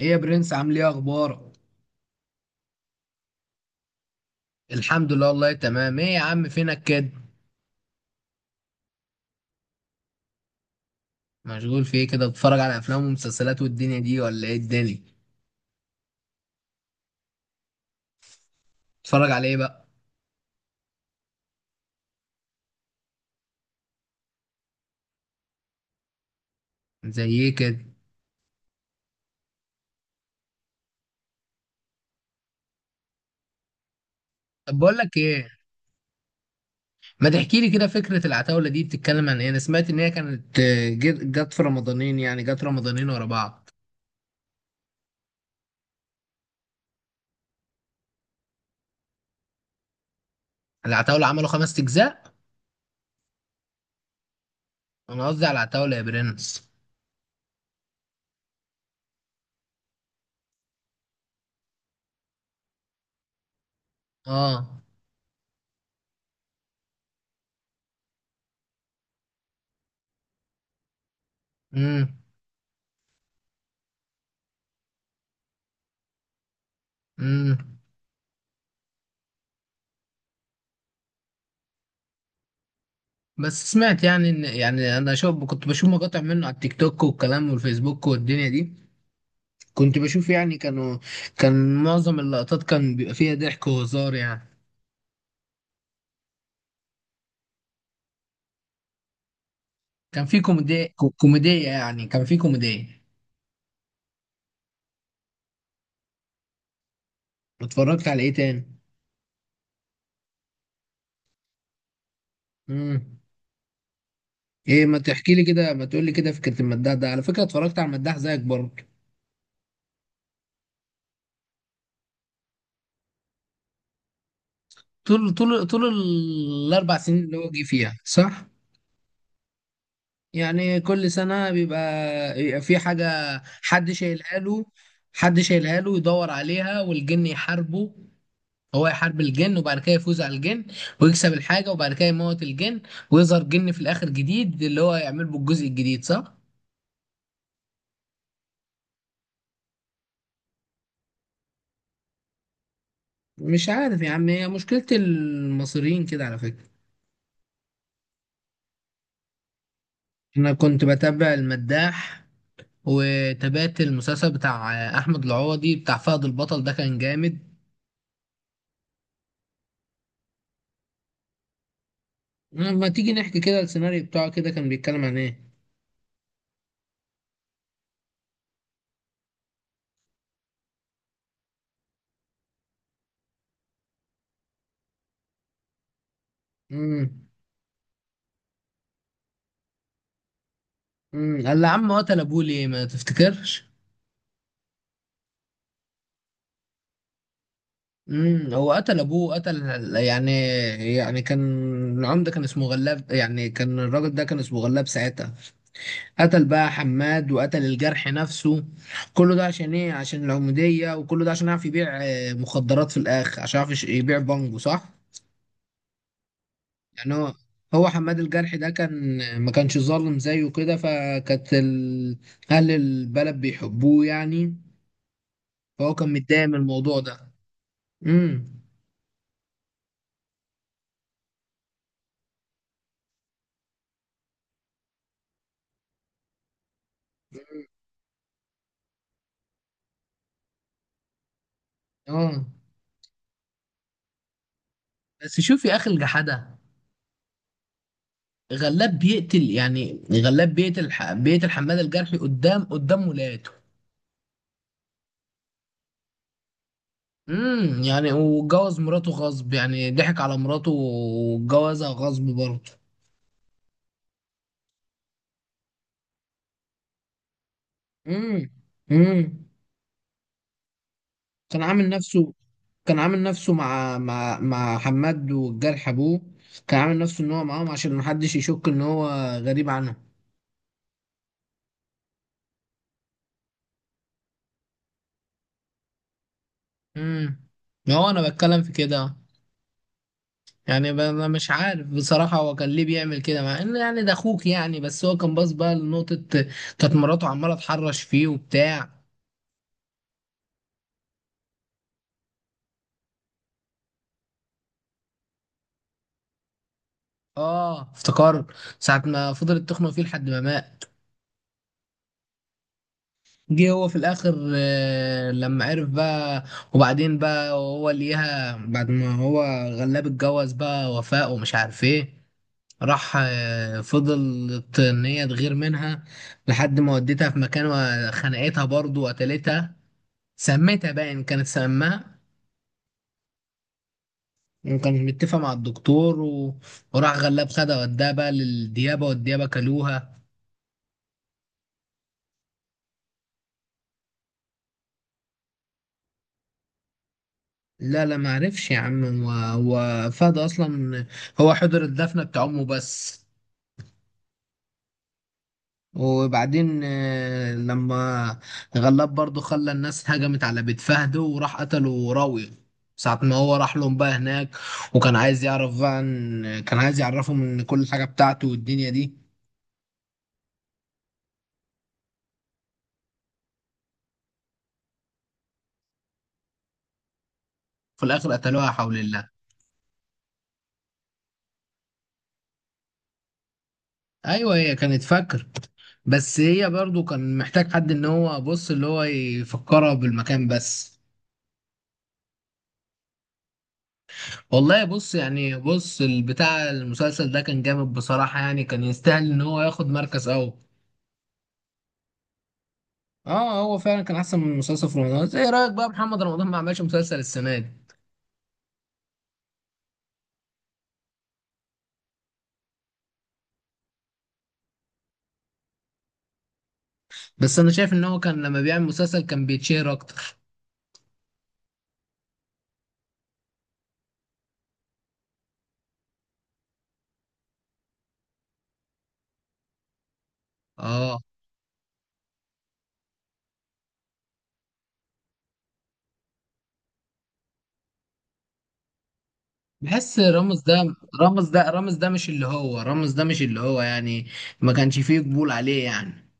ايه يا برنس، عامل ايه؟ اخبارك؟ الحمد لله والله، تمام. ايه يا عم، فينك كده؟ مشغول في ايه كده؟ بتتفرج على افلام ومسلسلات والدنيا دي، ولا ايه الدنيا؟ بتتفرج على ايه بقى؟ زي ايه كده؟ طب بقول لك ايه، ما تحكي لي كده فكرة العتاولة دي بتتكلم عن ايه؟ انا سمعت ان هي كانت جت في رمضانين، يعني جت رمضانين ورا بعض. العتاولة عملوا 5 اجزاء؟ انا قصدي على العتاولة يا برنس. اه. امم. امم. بس سمعت يعني ان يعني انا كنت بشوف مقاطع منه على التيك توك والكلام والفيسبوك والدنيا دي. كنت بشوف يعني كانوا، كان معظم اللقطات كان بيبقى فيها ضحك وهزار يعني. كان في كوميديا. كان في كوميديا. اتفرجت على ايه تاني؟ امم. ايه، ما تقول لي كده فكرة المداح ده. على فكرة اتفرجت على المداح زيك برضه. طول الاربع سنين اللي هو جه فيها، صح؟ يعني كل سنة بيبقى في حاجة، حد شايلها له. حد شايلها له يدور عليها، والجن يحاربه. هو يحارب الجن وبعد كده يفوز على الجن، ويكسب الحاجة وبعد كده يموت الجن، ويظهر جن في الآخر جديد اللي هو يعمل بالجزء الجديد، صح؟ مش عارف يا عم، هي مشكلة المصريين كده على فكرة. أنا كنت بتابع المداح، وتابعت المسلسل بتاع أحمد العوضي بتاع فهد البطل، ده كان جامد. ما تيجي نحكي كده السيناريو بتاعه كده كان بيتكلم عن إيه؟ امم. امم. قال لي يا عم، قتل أبوه ليه، ما تفتكرش؟ امم. هو قتل ابوه قتل يعني؟ يعني كان العمده كان اسمه غلاب، يعني كان الراجل ده كان اسمه غلاب ساعتها. قتل بقى حماد، وقتل الجرح نفسه. كله ده عشان ايه؟ عشان العموديه، وكله ده عشان يعرف يبيع مخدرات في الاخر، عشان يعرف يبيع بانجو، صح؟ يعني هو، هو حماد الجرح ده كان ما كانش ظالم زيه كده، فكانت اهل البلد بيحبوه يعني. فهو كان متضايق من الموضوع ده. امم. اه. بس شوف يا اخي الجحده، غلاب بيقتل، يعني بيقتل حماد الجرحي قدام ولاده. امم. يعني واتجوز مراته غصب، يعني ضحك على مراته واتجوزها غصب برضه. امم. امم. كان عامل نفسه. كان عامل نفسه مع حماد والجرح ابوه. كان عامل نفسه ان هو معاهم عشان محدش يشك ان هو غريب عنهم. امم. هو انا بتكلم في كده، يعني انا مش عارف بصراحة هو كان ليه بيعمل كده، مع ان يعني ده اخوك، يعني بس هو كان باص بقى لنقطة: كانت مراته عمالة تحرش فيه وبتاع. اه افتكرت. ساعة ما فضلت تخنق فيه لحد ما مات. جه هو في الاخر لما عرف بقى. وبعدين بقى هو ليها، بعد ما هو غلاب اتجوز بقى وفاء ومش عارف ايه، راح فضلت ان هي تغير منها لحد ما وديتها في مكان وخنقتها برضه وقتلتها. سميتها باين كانت سماها. وكان متفق مع الدكتور، وراح غلاب خدها وداها بقى للديابة، والديابة كلوها. لا لا، ما عرفش يا عم، هو فهد أصلا هو حضر الدفنة بتاع أمه بس. وبعدين لما غلاب برضه خلى الناس هجمت على بيت فهد، وراح قتله راوية ساعة ما هو راح لهم بقى هناك، وكان عايز يعرف بقى، إن كان عايز يعرفهم إن كل حاجة بتاعته والدنيا دي. في الآخر قتلوها، حول الله. ايوه، هي كانت فاكر، بس هي برضو كان محتاج حد ان هو بص اللي هو يفكرها بالمكان بس. والله بص يعني البتاع المسلسل ده كان جامد بصراحة، يعني كان يستاهل ان هو ياخد مركز اول. اه، هو فعلا كان احسن من مسلسل في رمضان. ايه رأيك بقى محمد رمضان ما عملش مسلسل السنة دي؟ بس انا شايف ان هو كان لما بيعمل مسلسل كان بيتشهر اكتر. اه. بحس رامز ده مش اللي هو، يعني ما كانش فيه قبول عليه يعني.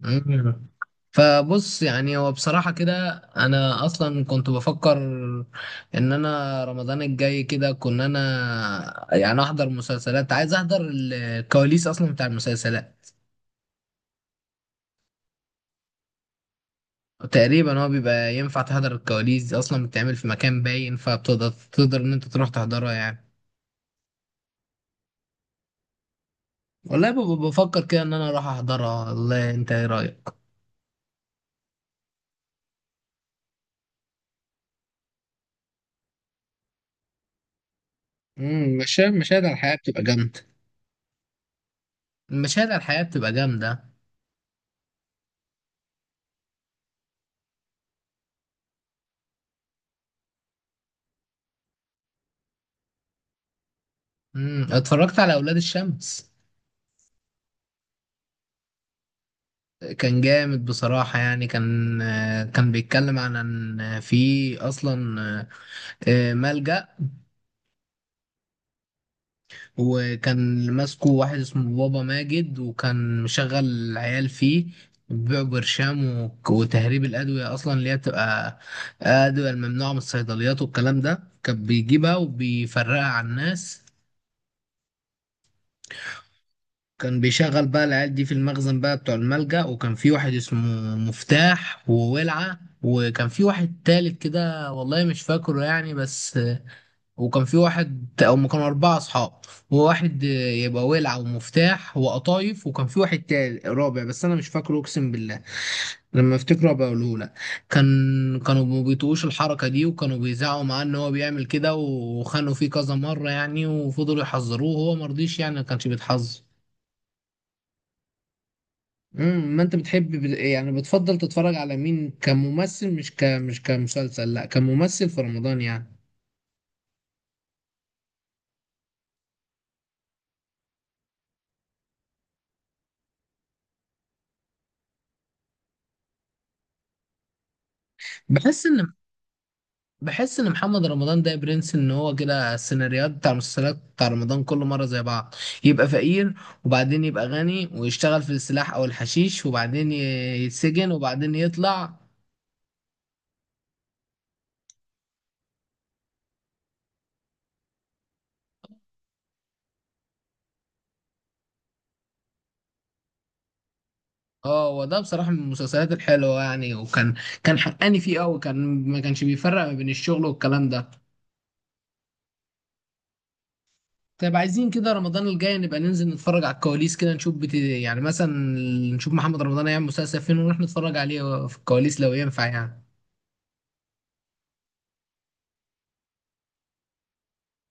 مم. فبص يعني، هو بصراحة كده، أنا أصلا كنت بفكر إن أنا رمضان الجاي كده، كنا أنا يعني أحضر مسلسلات، عايز أحضر الكواليس أصلا بتاع المسلسلات. تقريبا هو بيبقى ينفع تحضر الكواليس دي، أصلا بتتعمل في مكان باين، فبتقدر إن أنت تروح تحضرها يعني. والله ببقى بفكر كده إن أنا أروح أحضرها، والله أنت إيه رأيك؟ مشاهد على الحياة بتبقى جامدة. المشاهد على الحياة بتبقى جامدة. اتفرجت على أولاد الشمس. كان جامد بصراحة يعني، كان كان بيتكلم عن ان في اصلا ملجأ، وكان ماسكه واحد اسمه بابا ماجد، وكان مشغل العيال فيه بيبيعوا برشام وتهريب الأدوية، أصلا اللي هي بتبقى أدوية الممنوعة من الصيدليات والكلام ده كان بيجيبها وبيفرقها على الناس. كان بيشغل بقى العيال دي في المخزن بقى بتوع الملجأ، وكان في واحد اسمه مفتاح، وولعة، وكان في واحد تالت كده والله مش فاكره يعني، بس. وكان في واحد ما كانوا 4 اصحاب: وواحد يبقى ولعة ومفتاح وقطايف، وكان في واحد تالت رابع بس انا مش فاكره اقسم بالله. لما افتكره هبقى اقوله لك. كانوا ما بيطيقوش الحركة دي، وكانوا بيزعقوا معاه ان هو بيعمل كده، وخانوا فيه كذا مرة يعني، وفضلوا يحذروه وهو مرضيش، يعني ما كانش بيتحذر. امم. ما انت بتحب يعني بتفضل تتفرج على مين كممثل؟ مش كمسلسل، لا، كممثل في رمضان يعني. بحس ان، محمد رمضان ده يا برنس، ان هو كده السيناريوهات بتاع المسلسلات بتاع رمضان كل مره زي بعض: يبقى فقير، وبعدين يبقى غني ويشتغل في السلاح او الحشيش، وبعدين يتسجن، وبعدين يطلع. اه، وده بصراحه من المسلسلات الحلوه يعني، كان حقاني فيه قوي، كان ما كانش بيفرق ما بين الشغل والكلام ده. طيب، عايزين كده رمضان الجاي نبقى ننزل نتفرج على الكواليس كده، نشوف يعني مثلا نشوف محمد رمضان هيعمل مسلسل فين، ونروح نتفرج عليه في الكواليس لو ينفع يعني.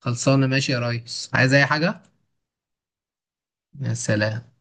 خلصانة، ماشي يا ريس، عايز أي حاجة؟ يا سلام.